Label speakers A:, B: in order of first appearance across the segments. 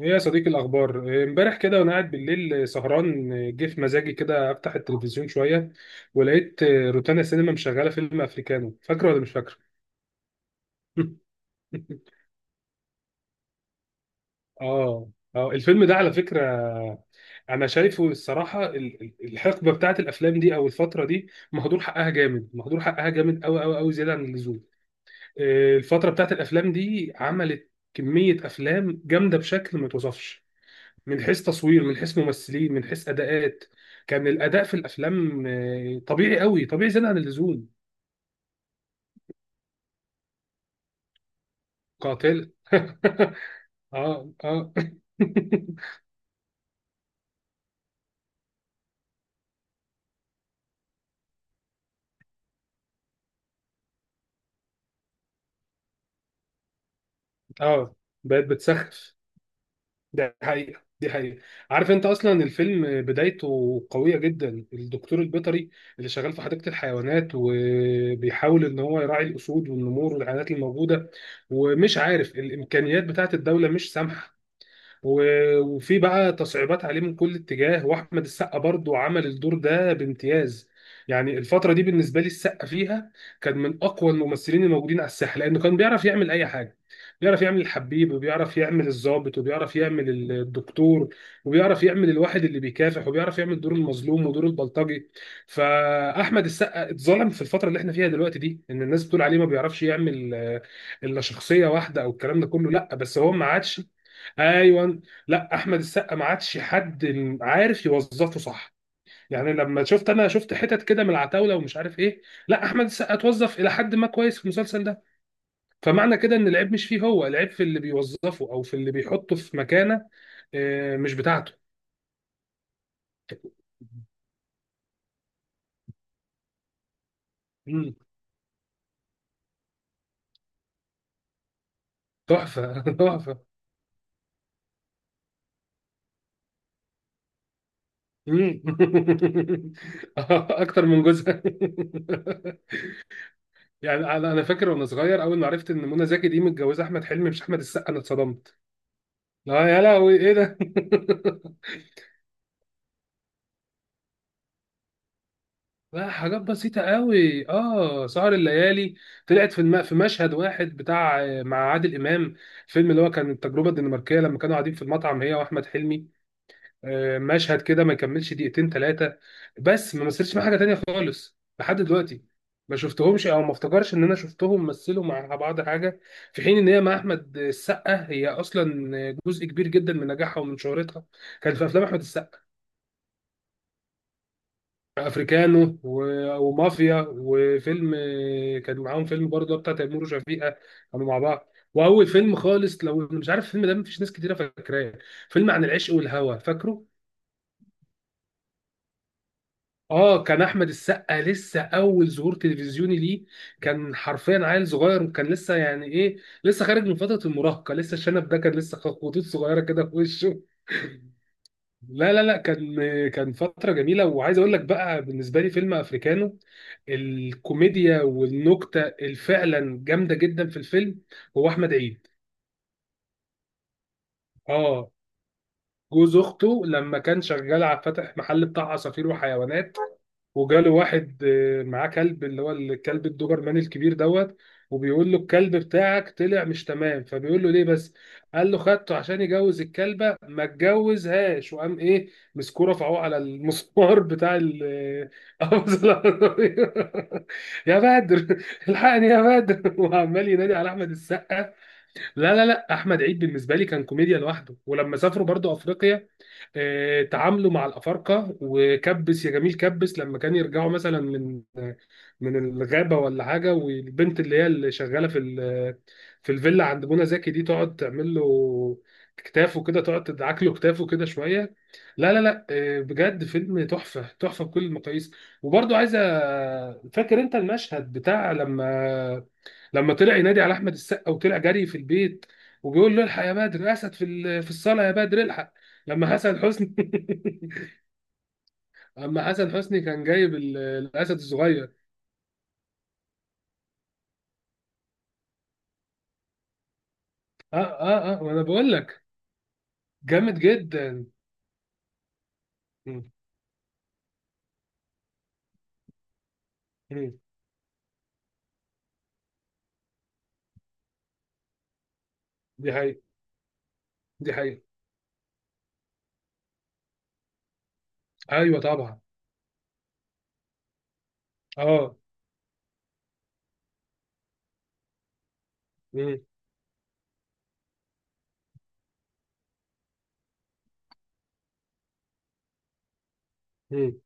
A: ايه يا صديقي، الاخبار إيه؟ امبارح كده وانا قاعد بالليل سهران إيه، جه في مزاجي كده افتح التلفزيون شويه ولقيت إيه، روتانا سينما مشغله فيلم افريكانو. فاكره ولا مش فاكره؟ اه اه الفيلم ده على فكره، انا شايفه الصراحه الحقبه بتاعت الافلام دي او الفتره دي مهدور حقها جامد، مهدور حقها جامد قوي قوي قوي زياده عن اللزوم. إيه، الفتره بتاعت الافلام دي عملت كميه افلام جامده بشكل ما توصفش، من حيث تصوير من حيث ممثلين من حيث اداءات. كان الاداء في الافلام طبيعي قوي، طبيعي زياده عن اللزوم، قاتل. اه. اه، بقت بتسخف. ده حقيقه، دي حقيقه. عارف انت اصلا الفيلم بدايته قويه جدا؟ الدكتور البيطري اللي شغال في حديقه الحيوانات وبيحاول ان هو يراعي الاسود والنمور والحيوانات الموجوده، ومش عارف الامكانيات بتاعت الدوله مش سامحه، و- وفي بقى تصعيبات عليه من كل اتجاه، واحمد السقا برضو عمل الدور ده بامتياز. يعني الفتره دي بالنسبه لي السقا فيها كان من اقوى الممثلين الموجودين على الساحه، لانه كان بيعرف يعمل اي حاجه. بيعرف يعمل الحبيب، وبيعرف يعمل الضابط، وبيعرف يعمل الدكتور، وبيعرف يعمل الواحد اللي بيكافح، وبيعرف يعمل دور المظلوم ودور البلطجي. فاحمد السقا اتظلم في الفتره اللي احنا فيها دلوقتي دي، ان الناس بتقول عليه ما بيعرفش يعمل الا شخصيه واحده او الكلام ده كله. لا، بس هو ما عادش. ايوه، لا احمد السقا ما عادش حد عارف يوظفه صح. يعني لما شفت، انا شفت حتت كده من العتاوله ومش عارف ايه، لا احمد السقا اتوظف الى حد ما كويس في المسلسل ده. فمعنى كده ان العيب مش فيه، هو العيب في اللي بيوظفه او في اللي بيحطه في مكانه. مش بتاعته. مم. تحفه، تحفه. مم. اكتر من جزء. يعني أنا فاكر وانا صغير اول ما عرفت ان منى زكي دي متجوزه احمد حلمي مش احمد السقا، انا اتصدمت. لا يا لهوي، ايه ده! لا حاجات بسيطة قوي، اه سهر الليالي. طلعت في الم... في مشهد واحد بتاع مع عادل إمام. الفيلم اللي هو كان التجربة الدنماركية، لما كانوا قاعدين في المطعم هي وأحمد حلمي، مشهد كده ما يكملش دقيقتين ثلاثة، بس ما مثلش مع حاجة تانية خالص لحد دلوقتي. ما شفتهمش او ما افتكرش ان انا شفتهم مثلوا مع بعض حاجة، في حين ان هي مع احمد السقا هي اصلا جزء كبير جدا من نجاحها ومن شهرتها كان في افلام احمد السقا. افريكانو و- ومافيا، وفيلم كان معاهم فيلم برضه بتاع تيمور وشفيقة، كانوا مع بعض. واول فيلم خالص لو مش عارف الفيلم ده مفيش ناس كتيره فاكراه، فيلم عن العشق والهوى، فاكره؟ اه كان احمد السقا لسه اول ظهور تلفزيوني ليه، كان حرفيا عيل صغير، وكان لسه يعني ايه، لسه خارج من فتره المراهقه، لسه الشنب ده كان لسه خطوط صغيره كده في وشه. لا كان، كان فترة جميلة. وعايز اقول لك بقى بالنسبة لي فيلم افريكانو، الكوميديا والنكتة الفعلا جامدة جدا في الفيلم هو احمد عيد. اه، جوز اخته لما كان شغال على فتح محل بتاع عصافير وحيوانات، وجاله واحد معاه كلب، اللي هو الكلب الدوبرمان الكبير دوت. وبيقول له الكلب بتاعك طلع مش تمام، فبيقول له ليه بس، قال له خدته عشان يجوز الكلبة ما اتجوزهاش، وقام ايه مسكوه رفعوه على المسمار بتاع ال... أبوظ العربية. يا بدر، الحقني يا بدر وعمال ينادي على احمد السقا. لا احمد عيد بالنسبه لي كان كوميديا لوحده. ولما سافروا برضو افريقيا، تعاملوا مع الافارقه وكبس يا جميل، كبس لما كان يرجعوا مثلا من من الغابه ولا حاجه، والبنت اللي هي اللي شغاله في في الفيلا عند منى زكي دي تقعد تعمل له كتافه كده، تقعد تدعك له كتافه كده شويه. لا بجد فيلم تحفه، تحفه بكل المقاييس. وبرضو عايزه، فاكر انت المشهد بتاع لما، لما طلع ينادي على احمد السقا وطلع جري في البيت وبيقول له الحق يا بدر، اسد في في الصاله يا بدر، الحق. لما حسن حسني اما حسن حسني كان جايب الاسد الصغير. اه وانا بقول لك جامد جدا. مم. مم. دي حقيقة. دي حقيقة، ايوه طبعا. اه. مم. مم.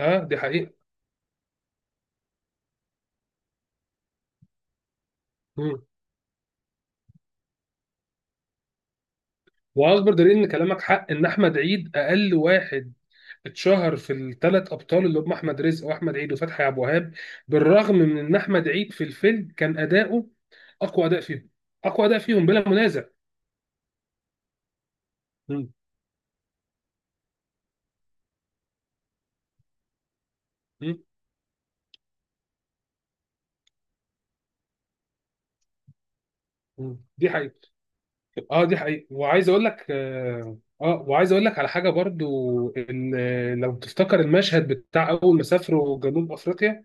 A: اه دي حقيقة. مم. واكبر دليل ان كلامك حق ان احمد عيد اقل واحد اتشهر في الثلاث ابطال، اللي هم احمد رزق واحمد عيد وفتحي عبد الوهاب، بالرغم من ان احمد عيد في الفيلم كان اداؤه اقوى اداء فيهم. اقوى اداء فيهم بلا منازع. مم. مم. مم. دي حقيقة. اه دي حقيقة. وعايز اقول لك اه وعايز اقول لك على حاجة برضو ان لو تفتكر المشهد بتاع اول ما سافروا جنوب افريقيا،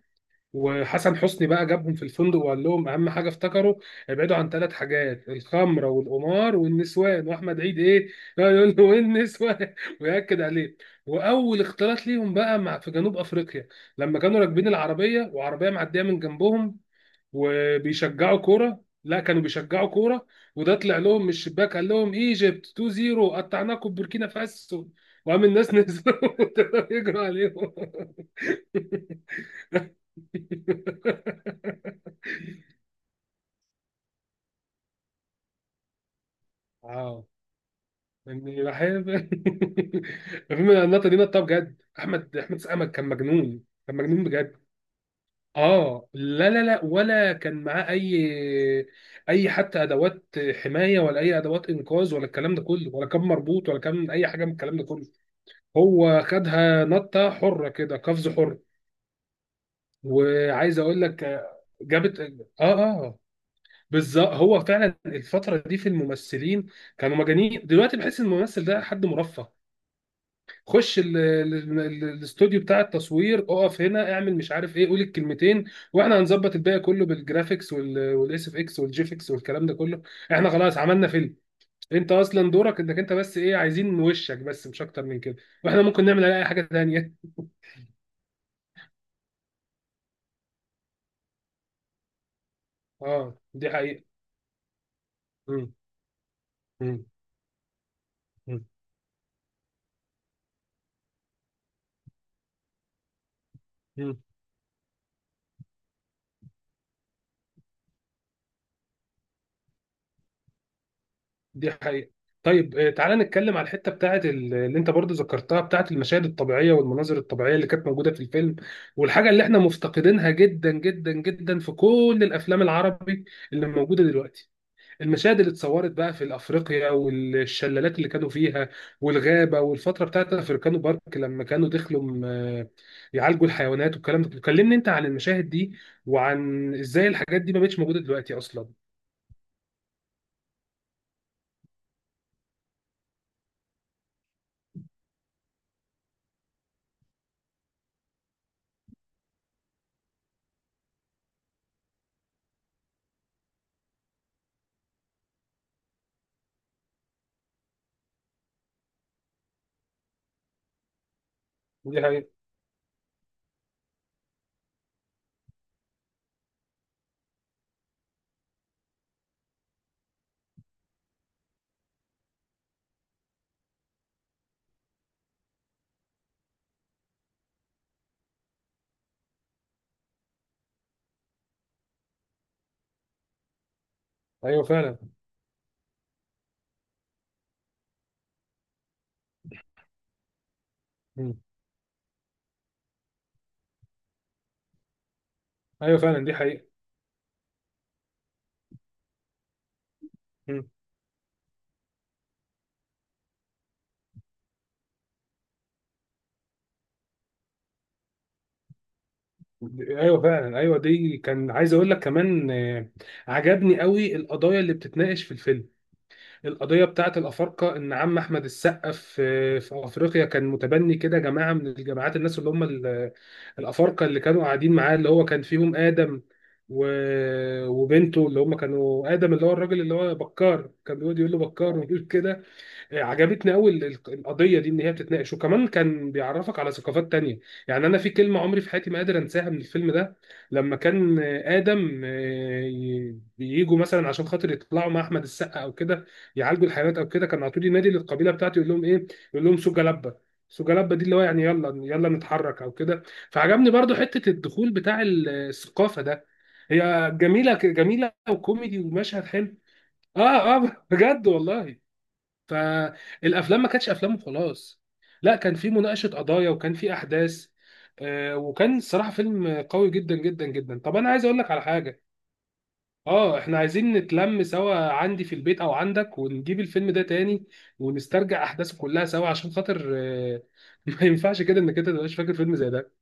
A: وحسن حسني بقى جابهم في الفندق وقال لهم اهم حاجه افتكروا ابعدوا عن ثلاث حاجات، الخمره والقمار والنسوان، واحمد عيد ايه يقول له والنسوان وياكد عليه. واول اختلاط ليهم بقى مع في جنوب افريقيا، لما كانوا راكبين العربيه وعربيه معديه من جنبهم وبيشجعوا كوره، لا كانوا بيشجعوا كوره، وده طلع لهم من الشباك قال لهم ايجيبت 2-0 قطعناكم بوركينا فاسو. وقام الناس نزلوا يجروا عليهم. اه اني بحب الفيلم. النقطه دي نقطه بجد، احمد، احمد سقا كان مجنون، كان مجنون بجد. اه لا ولا كان معاه اي حتى ادوات حمايه، ولا اي ادوات انقاذ ولا الكلام ده كله، ولا كان مربوط ولا كان اي حاجه من الكلام ده كله. هو خدها نطه حره كده، قفز حر. وعايز اقول لك جابت اه، اه، آه. بالظبط، هو فعلا الفتره دي في الممثلين كانوا مجانين. دلوقتي بحس ان الممثل ده حد مرفه، خش الاستوديو بتاع التصوير، اقف هنا اعمل مش عارف ايه، قول الكلمتين واحنا هنظبط الباقي كله بالجرافيكس والاس اف اكس والجيفكس والكلام ده كله. احنا خلاص عملنا فيلم، انت اصلا دورك انك انت بس ايه، عايزين وشك بس مش اكتر من كده، واحنا ممكن نعمل عليه اي حاجه تانيه. اه دي حقيقه. مم. مم. مم. دي حقيقة. طيب تعالى نتكلم على الحتة بتاعت اللي انت برضو ذكرتها بتاعت المشاهد الطبيعية والمناظر الطبيعية اللي كانت موجودة في الفيلم، والحاجة اللي احنا مفتقدينها جدا جدا جدا في كل الافلام العربي اللي موجودة دلوقتي. المشاهد اللي اتصورت بقى في افريقيا، والشلالات اللي كانوا فيها، والغابة، والفترة بتاعت افريكانو بارك لما كانوا دخلوا يعالجوا الحيوانات والكلام ده. كلمني انت عن المشاهد دي، وعن ازاي الحاجات دي ما بقتش موجودة دلوقتي اصلا. دي حقيقة. ايوه فعلا. مم. ايوه فعلا دي حقيقة. مم. ايوه فعلا. ايوه دي كان عايز اقول لك كمان عجبني قوي القضايا اللي بتتناقش في الفيلم. القضيه بتاعه الافارقه، ان عم احمد السقا في في افريقيا كان متبني كده جماعه من الجماعات، الناس اللي هم الافارقه اللي كانوا قاعدين معاه، اللي هو كان فيهم ادم و... وبنته، اللي هم كانوا ادم اللي هو الراجل، اللي هو بكار كان بيقعد يقول له بكار ويقول كده. عجبتني قوي القضيه دي ان هي بتتناقش، وكمان كان بيعرفك على ثقافات تانية. يعني انا في كلمه عمري في حياتي ما قادر انساها من الفيلم ده، لما كان ادم بييجوا مثلا عشان خاطر يطلعوا مع احمد السقا او كده يعالجوا الحيوانات او كده، كان على طول ينادي للقبيله بتاعته يقول لهم ايه، يقول لهم سوجا لبه. سوجا لبه دي اللي هو يعني يلا، يلا نتحرك او كده. فعجبني برضو حته الدخول بتاع الثقافه ده، هي جميله جميله وكوميدي ومشهد حلو. اه بجد والله. فالافلام ما كانتش افلام وخلاص، لا كان في مناقشه قضايا وكان في احداث. وكان الصراحه فيلم قوي جدا جدا جدا. طب انا عايز اقول لك على حاجه، اه احنا عايزين نتلم سوا عندي في البيت او عندك، ونجيب الفيلم ده تاني ونسترجع احداثه كلها سوا، عشان خاطر ما ينفعش كده انك انت تبقاش فاكر فيلم زي ده.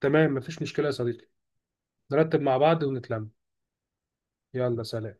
A: تمام مفيش مشكله يا صديقي، نرتب مع بعض ونتلم. يلا، سلام.